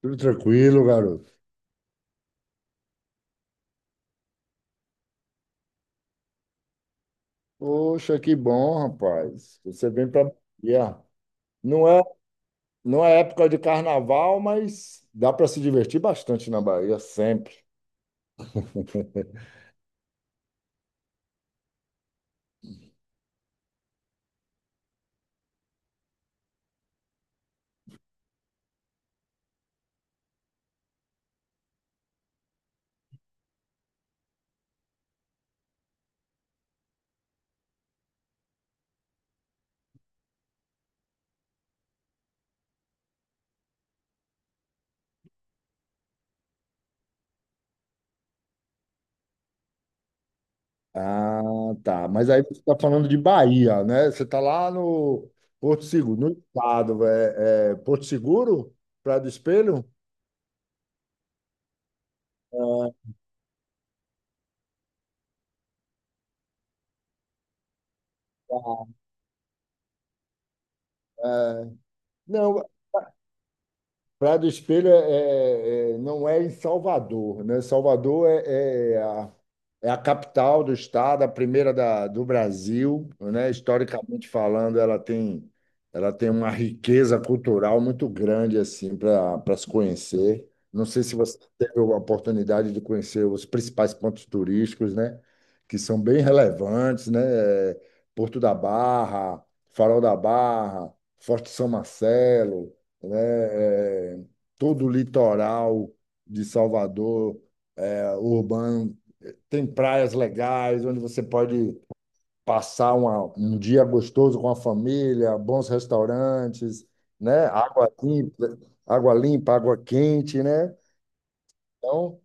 Tudo tranquilo, garoto. Poxa, que bom, rapaz. Você vem para Bahia. Não é, não é época de carnaval, mas dá para se divertir bastante na Bahia, sempre. Ah, tá. Mas aí você está falando de Bahia, né? Você está lá no Porto Seguro, no estado. É, é Porto Seguro? Praia do Espelho? É, é. Não, Praia do Espelho é, não é em Salvador, né? Salvador é a capital do estado, a primeira do Brasil, né? Historicamente falando, ela tem uma riqueza cultural muito grande assim para se conhecer. Não sei se você teve a oportunidade de conhecer os principais pontos turísticos, né? Que são bem relevantes, né? É, Porto da Barra, Farol da Barra, Forte São Marcelo, né? É, todo o litoral de Salvador, é, urbano, tem praias legais onde você pode passar um dia gostoso com a família, bons restaurantes, né? Água limpa, água limpa, água quente, né? Então,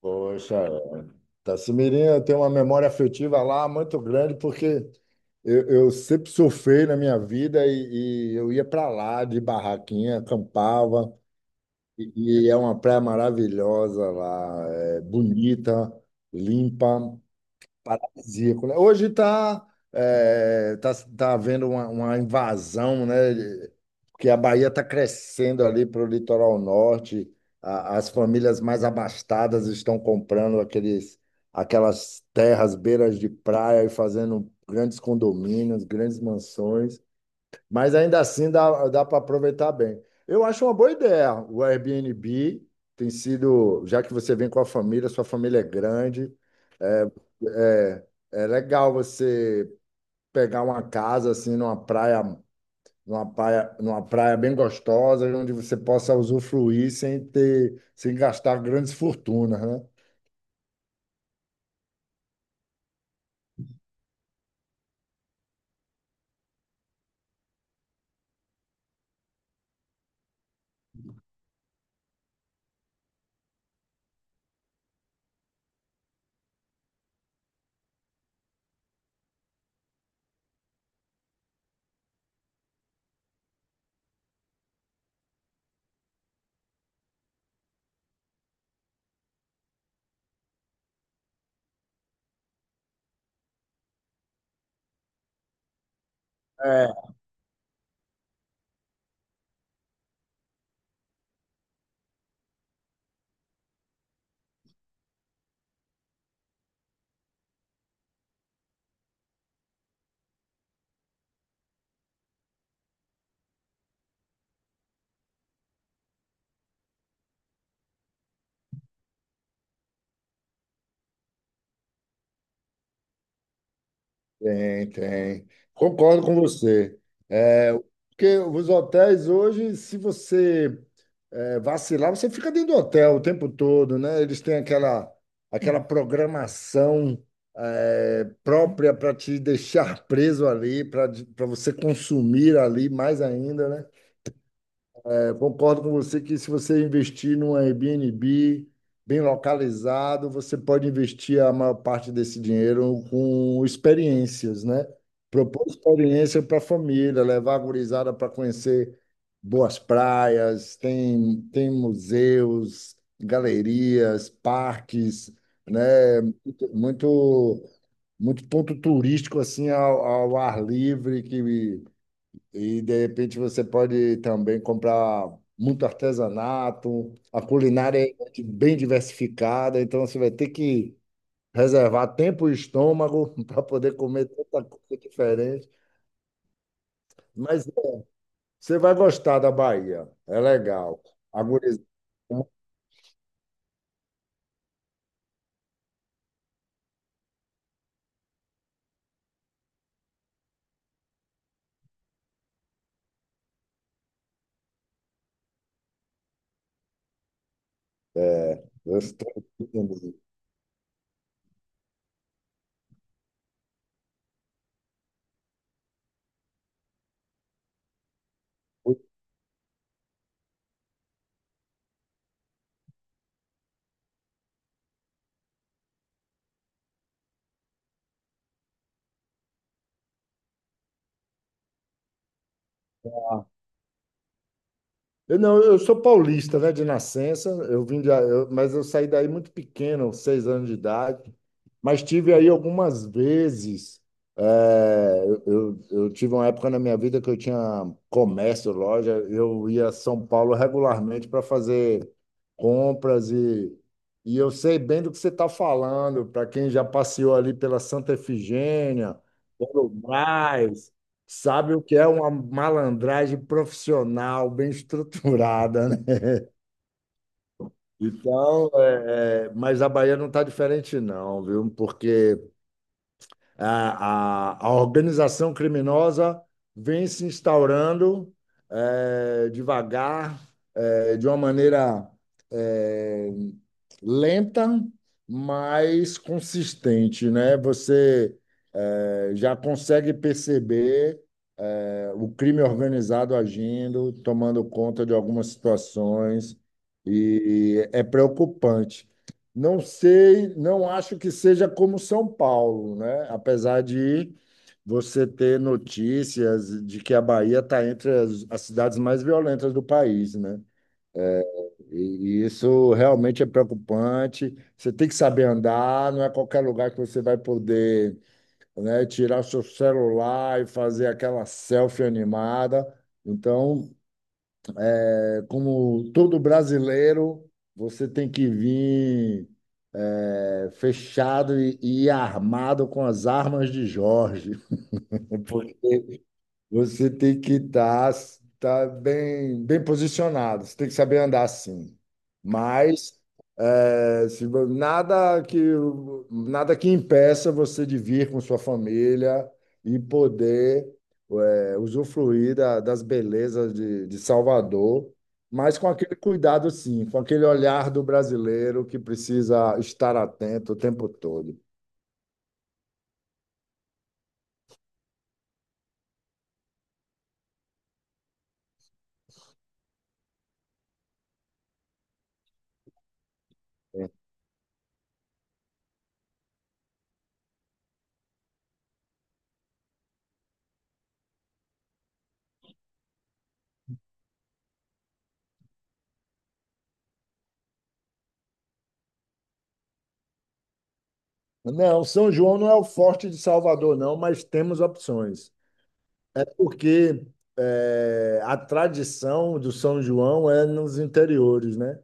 poxa, Tassimirim, eu, tenho uma memória afetiva lá muito grande porque eu sempre surfei na minha vida e eu ia para lá de barraquinha, acampava, E e é uma praia maravilhosa lá, é bonita, limpa, paradisíaco, né? Hoje está tá havendo uma invasão, né? Porque a Bahia está crescendo ali para o litoral norte, as famílias mais abastadas estão comprando aqueles, aquelas terras, beiras de praia e fazendo grandes condomínios, grandes mansões. Mas ainda assim dá para aproveitar bem. Eu acho uma boa ideia. O Airbnb tem sido, já que você vem com a família, sua família é grande, é, é legal você pegar uma casa assim numa praia, numa praia bem gostosa, onde você possa usufruir sem ter, sem gastar grandes fortunas, né? É, tem, tem. Concordo com você. É, porque os hotéis hoje, se você vacilar, você fica dentro do hotel o tempo todo, né? Eles têm aquela, aquela programação própria para te deixar preso ali, para você consumir ali mais ainda, né? É, concordo com você que, se você investir num Airbnb bem localizado, você pode investir a maior parte desse dinheiro com experiências, né? Propor experiência para a família, levar a gurizada para conhecer boas praias, tem, tem museus, galerias, parques, né? Muito ponto turístico assim ao ar livre que e de repente você pode também comprar muito artesanato, a culinária é bem diversificada, então você vai ter que reservar tempo e estômago para poder comer tanta coisa diferente. Mas você vai gostar da Bahia, é legal. Agora, é, eu estou entendendo. Eu não, eu sou paulista, né, de nascença. Eu vim de, mas eu saí daí muito pequeno, seis anos de idade. Mas tive aí algumas vezes. Eu tive uma época na minha vida que eu tinha comércio, loja. Eu ia a São Paulo regularmente para fazer compras e eu sei bem do que você está falando. Para quem já passeou ali pela Santa Efigênia, pelo Brás, sabe o que é uma malandragem profissional, bem estruturada, né? Então, mas a Bahia não está diferente, não, viu? Porque a organização criminosa vem se instaurando devagar, de uma maneira eh, lenta, mas consistente, né? Você já consegue perceber o crime organizado agindo, tomando conta de algumas situações, e é preocupante. Não sei, não acho que seja como São Paulo, né? Apesar de você ter notícias de que a Bahia está entre as cidades mais violentas do país, né? E isso realmente é preocupante. Você tem que saber andar, não é qualquer lugar que você vai poder, né, tirar seu celular e fazer aquela selfie animada. Então, é como todo brasileiro, você tem que vir fechado e armado com as armas de Jorge. Porque você tem que estar tá bem, bem posicionado, você tem que saber andar assim. Mas é, se vo- nada que impeça você de vir com sua família e poder usufruir das belezas de Salvador, mas com aquele cuidado, sim, com aquele olhar do brasileiro que precisa estar atento o tempo todo. Não, São João não é o forte de Salvador, não, mas temos opções. É porque a tradição do São João é nos interiores, né?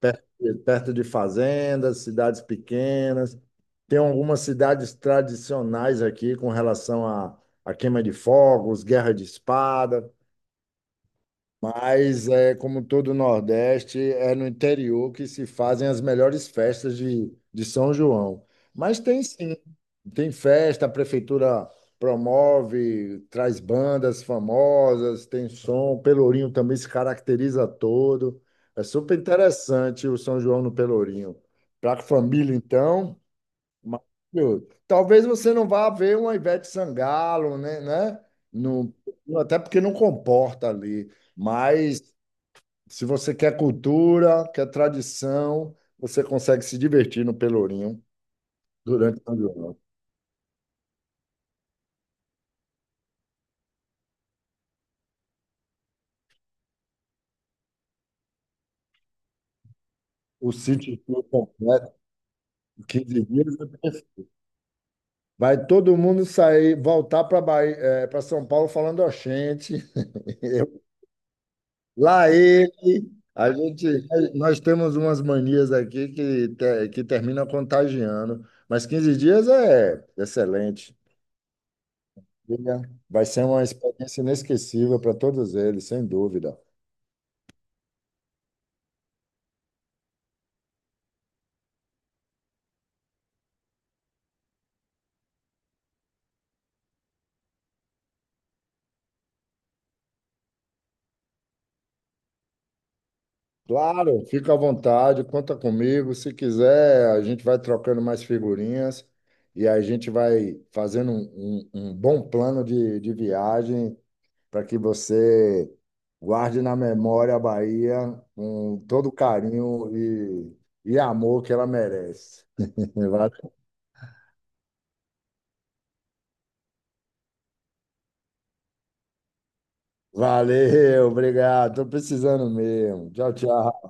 perto de fazendas, cidades pequenas. Tem algumas cidades tradicionais aqui com relação à à queima de fogos, guerra de espada. Mas, é, como todo o Nordeste, é no interior que se fazem as melhores festas de São João. Mas tem sim, tem festa, a prefeitura promove, traz bandas famosas, tem som, o Pelourinho também se caracteriza todo. É super interessante o São João no Pelourinho. Para a família, então. Maravilhoso. Talvez você não vá ver uma Ivete Sangalo, né? Né? No, até porque não comporta ali. Mas se você quer cultura, quer tradição, você consegue se divertir no Pelourinho durante o ano. O sítio todo completo, 15 dias, é perfeito. Vai todo mundo sair, voltar para Bahia, para São Paulo falando, ó, gente, lá ele, a gente, nós temos umas manias aqui que, que termina contagiando, mas 15 dias é excelente. Diga, vai ser uma experiência inesquecível para todos eles, sem dúvida. Claro, fica à vontade, conta comigo. Se quiser, a gente vai trocando mais figurinhas e a gente vai fazendo um bom plano de viagem para que você guarde na memória a Bahia com todo o carinho e amor que ela merece. Va- Valeu, obrigado. Estou precisando mesmo. Tchau, tchau.